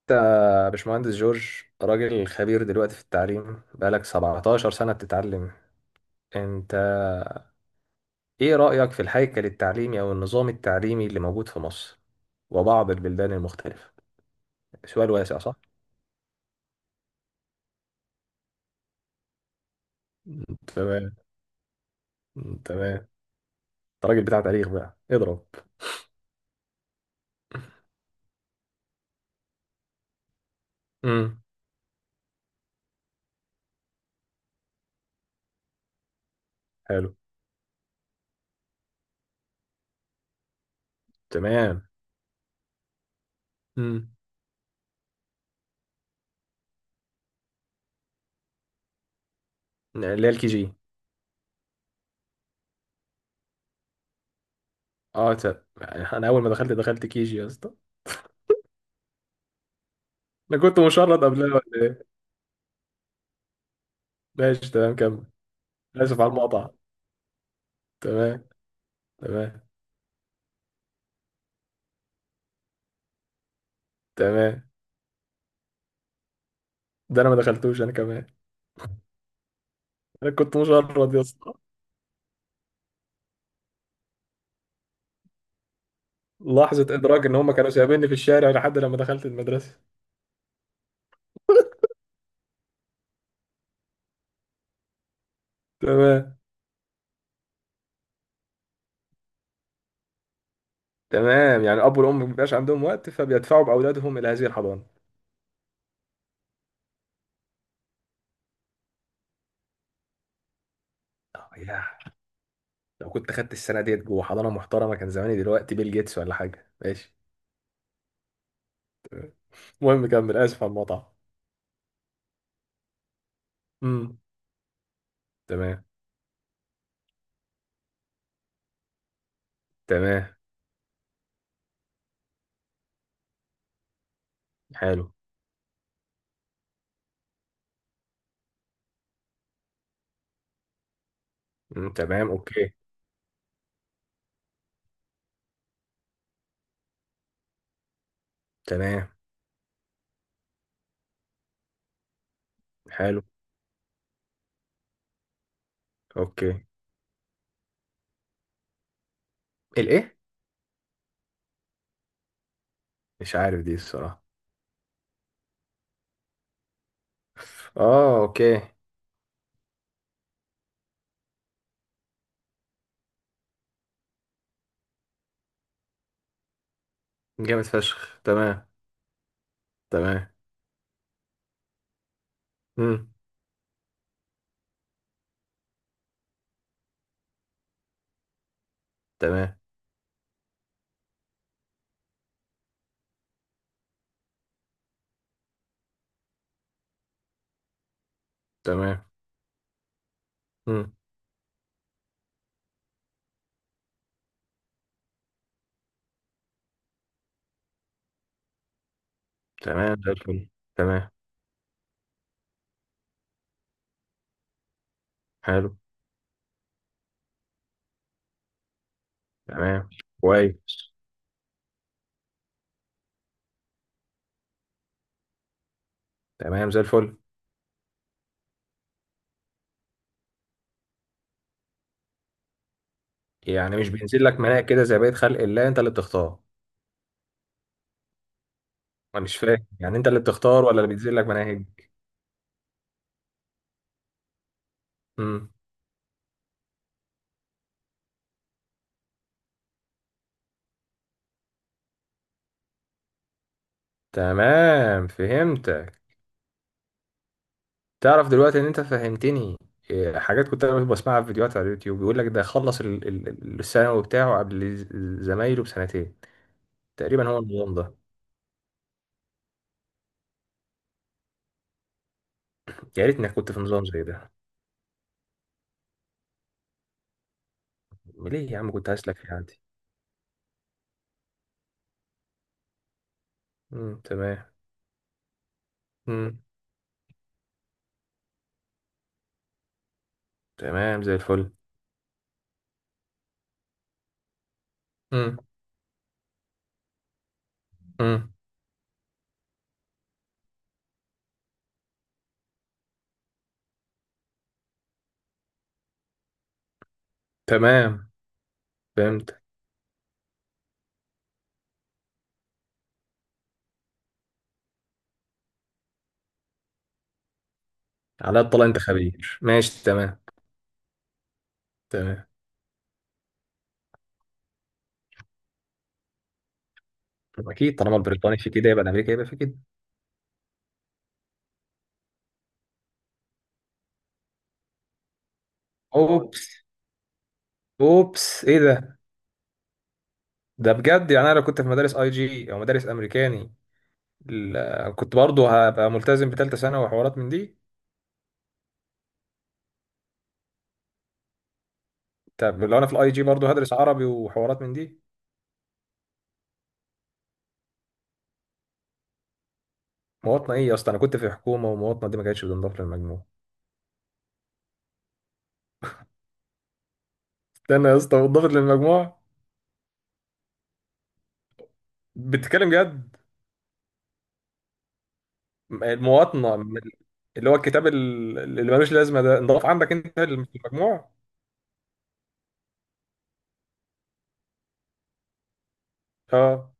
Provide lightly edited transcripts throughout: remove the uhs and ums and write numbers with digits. انت باشمهندس جورج، راجل خبير دلوقتي في التعليم، بقالك 17 سنة بتتعلم. انت ايه رأيك في الهيكل التعليمي او النظام التعليمي اللي موجود في مصر وبعض البلدان المختلفة؟ سؤال واسع صح؟ تمام. تمام، انت راجل بتاع تاريخ بقى اضرب. امم حلو. تمام. امم اللي هي الكي جي. اه ت- انا اول ما دخلت، دخلت كي جي يا اسطى. انا كنت مشرد قبلها ولا ايه؟ ماشي تمام، كمل. اسف على المقاطعة. تمام. تمام. تمام، ده انا ما دخلتوش انا كمان. انا كنت مشرد يا اسطى. لحظه ادراك ان هم كانوا سايبيني في الشارع لحد لما دخلت المدرسه. تمام. تمام، يعني الاب والام ما بيبقاش عندهم وقت فبيدفعوا باولادهم الى هذه الحضانه. آه، يا لو كنت خدت السنه ديت جوه حضانه محترمه، كان زماني دلوقتي بيل جيتس ولا حاجه. ماشي. تمام. المهم كمل، اسف على المقطع. امم تمام. تمام. حلو. تمام. اوكي. تمام. حلو. اوكي. الايه؟ مش عارف دي الصراحه. اه اوكي. جامد فشخ. تمام. تمام. مم. تمام. تمام. مم. تمام زي الفل. تمام. حلو. تمام. كويس. تمام زي الفل. يعني مش بينزل لك مناهج كده زي بقية خلق الله، انت اللي بتختار؟ انا مش فاهم، يعني انت اللي بتختار ولا اللي بينزل لك مناهج؟ مم. تمام، فهمتك. تعرف دلوقتي ان انت فهمتني. حاجات كنت انا بسمعها في فيديوهات على اليوتيوب، بيقول لك ده خلص الثانوي بتاعه قبل زمايله بسنتين تقريبا. هو النظام ده. يا ريتني كنت في نظام زي ده. ليه يا عم، كنت هسلك في عندي. تمام. مم. تمام زي الفل. امم امم تمام. فهمت. على الطلاق انت خبير. ماشي تمام. تمام. طب اكيد طالما البريطاني في كده يبقى الامريكي يبقى في كده. اوبس. اوبس، ايه ده؟ ده بجد، يعني انا لو كنت في مدارس اي جي او مدارس امريكاني، كنت برضه هبقى ملتزم بثالثه ثانوي وحوارات من دي. طب لو انا في الاي جي برضه هدرس عربي وحوارات من دي؟ مواطنه ايه يا اسطى؟ انا كنت في حكومه ومواطنه دي ما كانتش بتنضاف للمجموع. استنى يا اسطى، بتنضاف للمجموع؟ بتتكلم جد؟ المواطنة؟ من اللي هو الكتاب اللي ملوش لازمة ده انضاف عندك انت في المجموع؟ اه.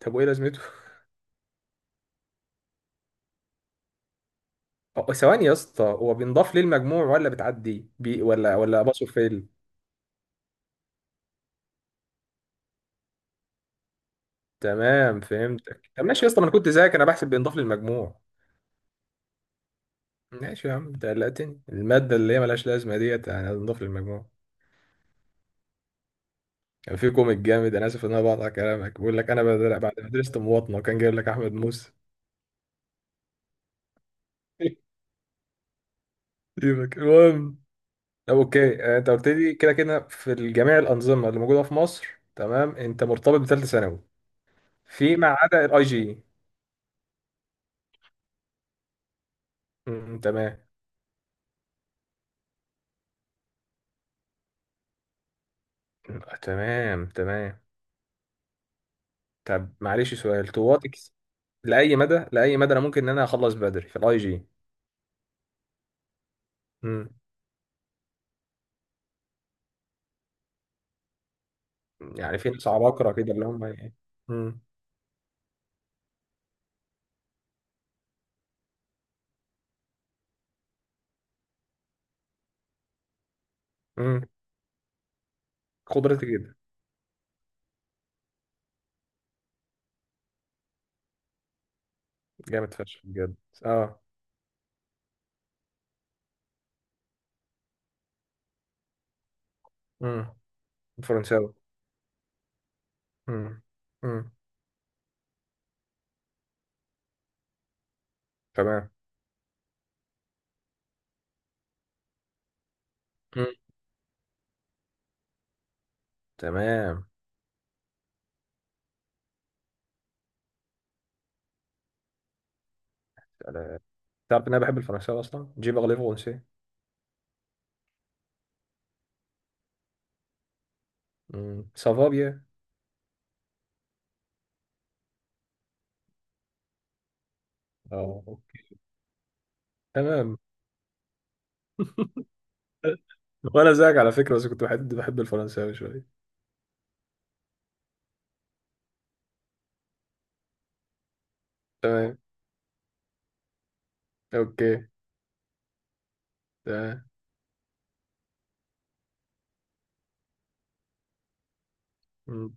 طب وايه لازمته؟ ثواني يا اسطى، هو بينضاف ليه المجموع ولا بتعدي بي ولا باصه فيل؟ تمام فهمتك. طب ماشي يا اسطى، ما انا كنت زيك، انا بحسب بينضاف للمجموع. ماشي يا عم، انت قلقتني. المادة اللي هي ملهاش لازمة ديت يعني هتنضاف للمجموع؟ كان في كوميك جامد، انا اسف ان انا بقطع كلامك، بيقول لك انا بعد ما درست مواطنة كان جايب لك احمد موسى. سيبك، المهم. اوكي. انت قلت لي كده كده في جميع الانظمه اللي موجوده في مصر. تمام، انت مرتبط بثالثه ثانوي في ما عدا الاي جي. تمام. تمام. تمام. طب معلش سؤال طواتك. لاي مدى، لاي مدى انا ممكن ان انا اخلص بدري في الاي جي؟ أمم، يعني في ناس عباقره كده اللي هم ايه. أمم، أمم، قدرتي جدا. جامد فشخ بجد. اه. أمم، فرنساوي. أمم، أمم، تمام. أمم، تمام. تعرف ان انا بحب الفرنساوي اصلا، جي بارلي فرنسي. سافابيا. اه اوكي. تمام. وانا زيك على فكره، بس كنت بحب الفرنساوي شويه. تمام. اوكي. تمام. مم.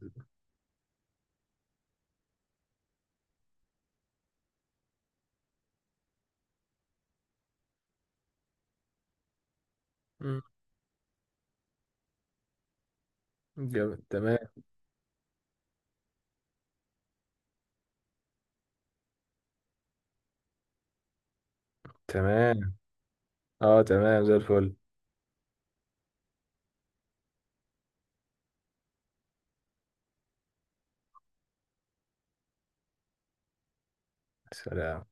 مم. جامد. تمام. تمام. اه تمام زي الفل. سلام.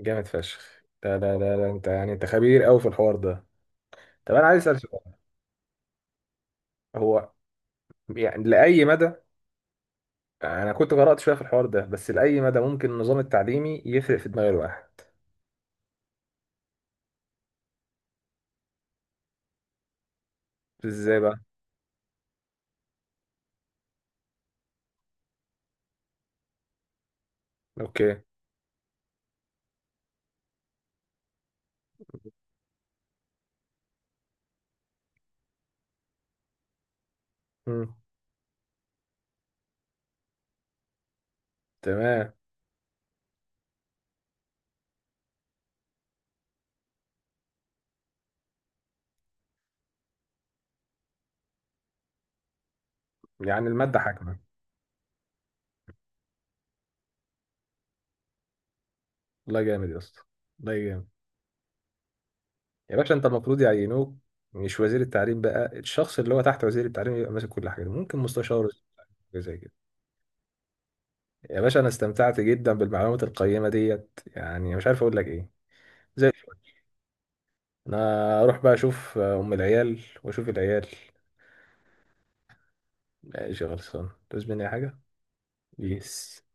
جامد فشخ. لا لا لا لا انت يعني انت خبير قوي في الحوار ده. طب انا عايز اسال سؤال. هو يعني لاي مدى، انا كنت قرات شويه في الحوار ده، بس لاي مدى ممكن النظام التعليمي يفرق في دماغ الواحد؟ ازاي بقى؟ اوكي. مم. تمام. يعني الماده حاكمه. والله جامد يا اسطى. والله جامد. يا باشا انت المفروض يعينوك، مش وزير التعليم بقى، الشخص اللي هو تحت وزير التعليم يبقى ماسك كل حاجه دي. ممكن مستشار وزير التعليم، حاجه زي كده. يا باشا انا استمتعت جدا بالمعلومات القيمه ديت، يعني مش عارف اقول لك ايه. زي الفل. انا اروح بقى اشوف ام العيال واشوف العيال. ماشي، خلصان، تعوز مني أي حاجه؟ بيس.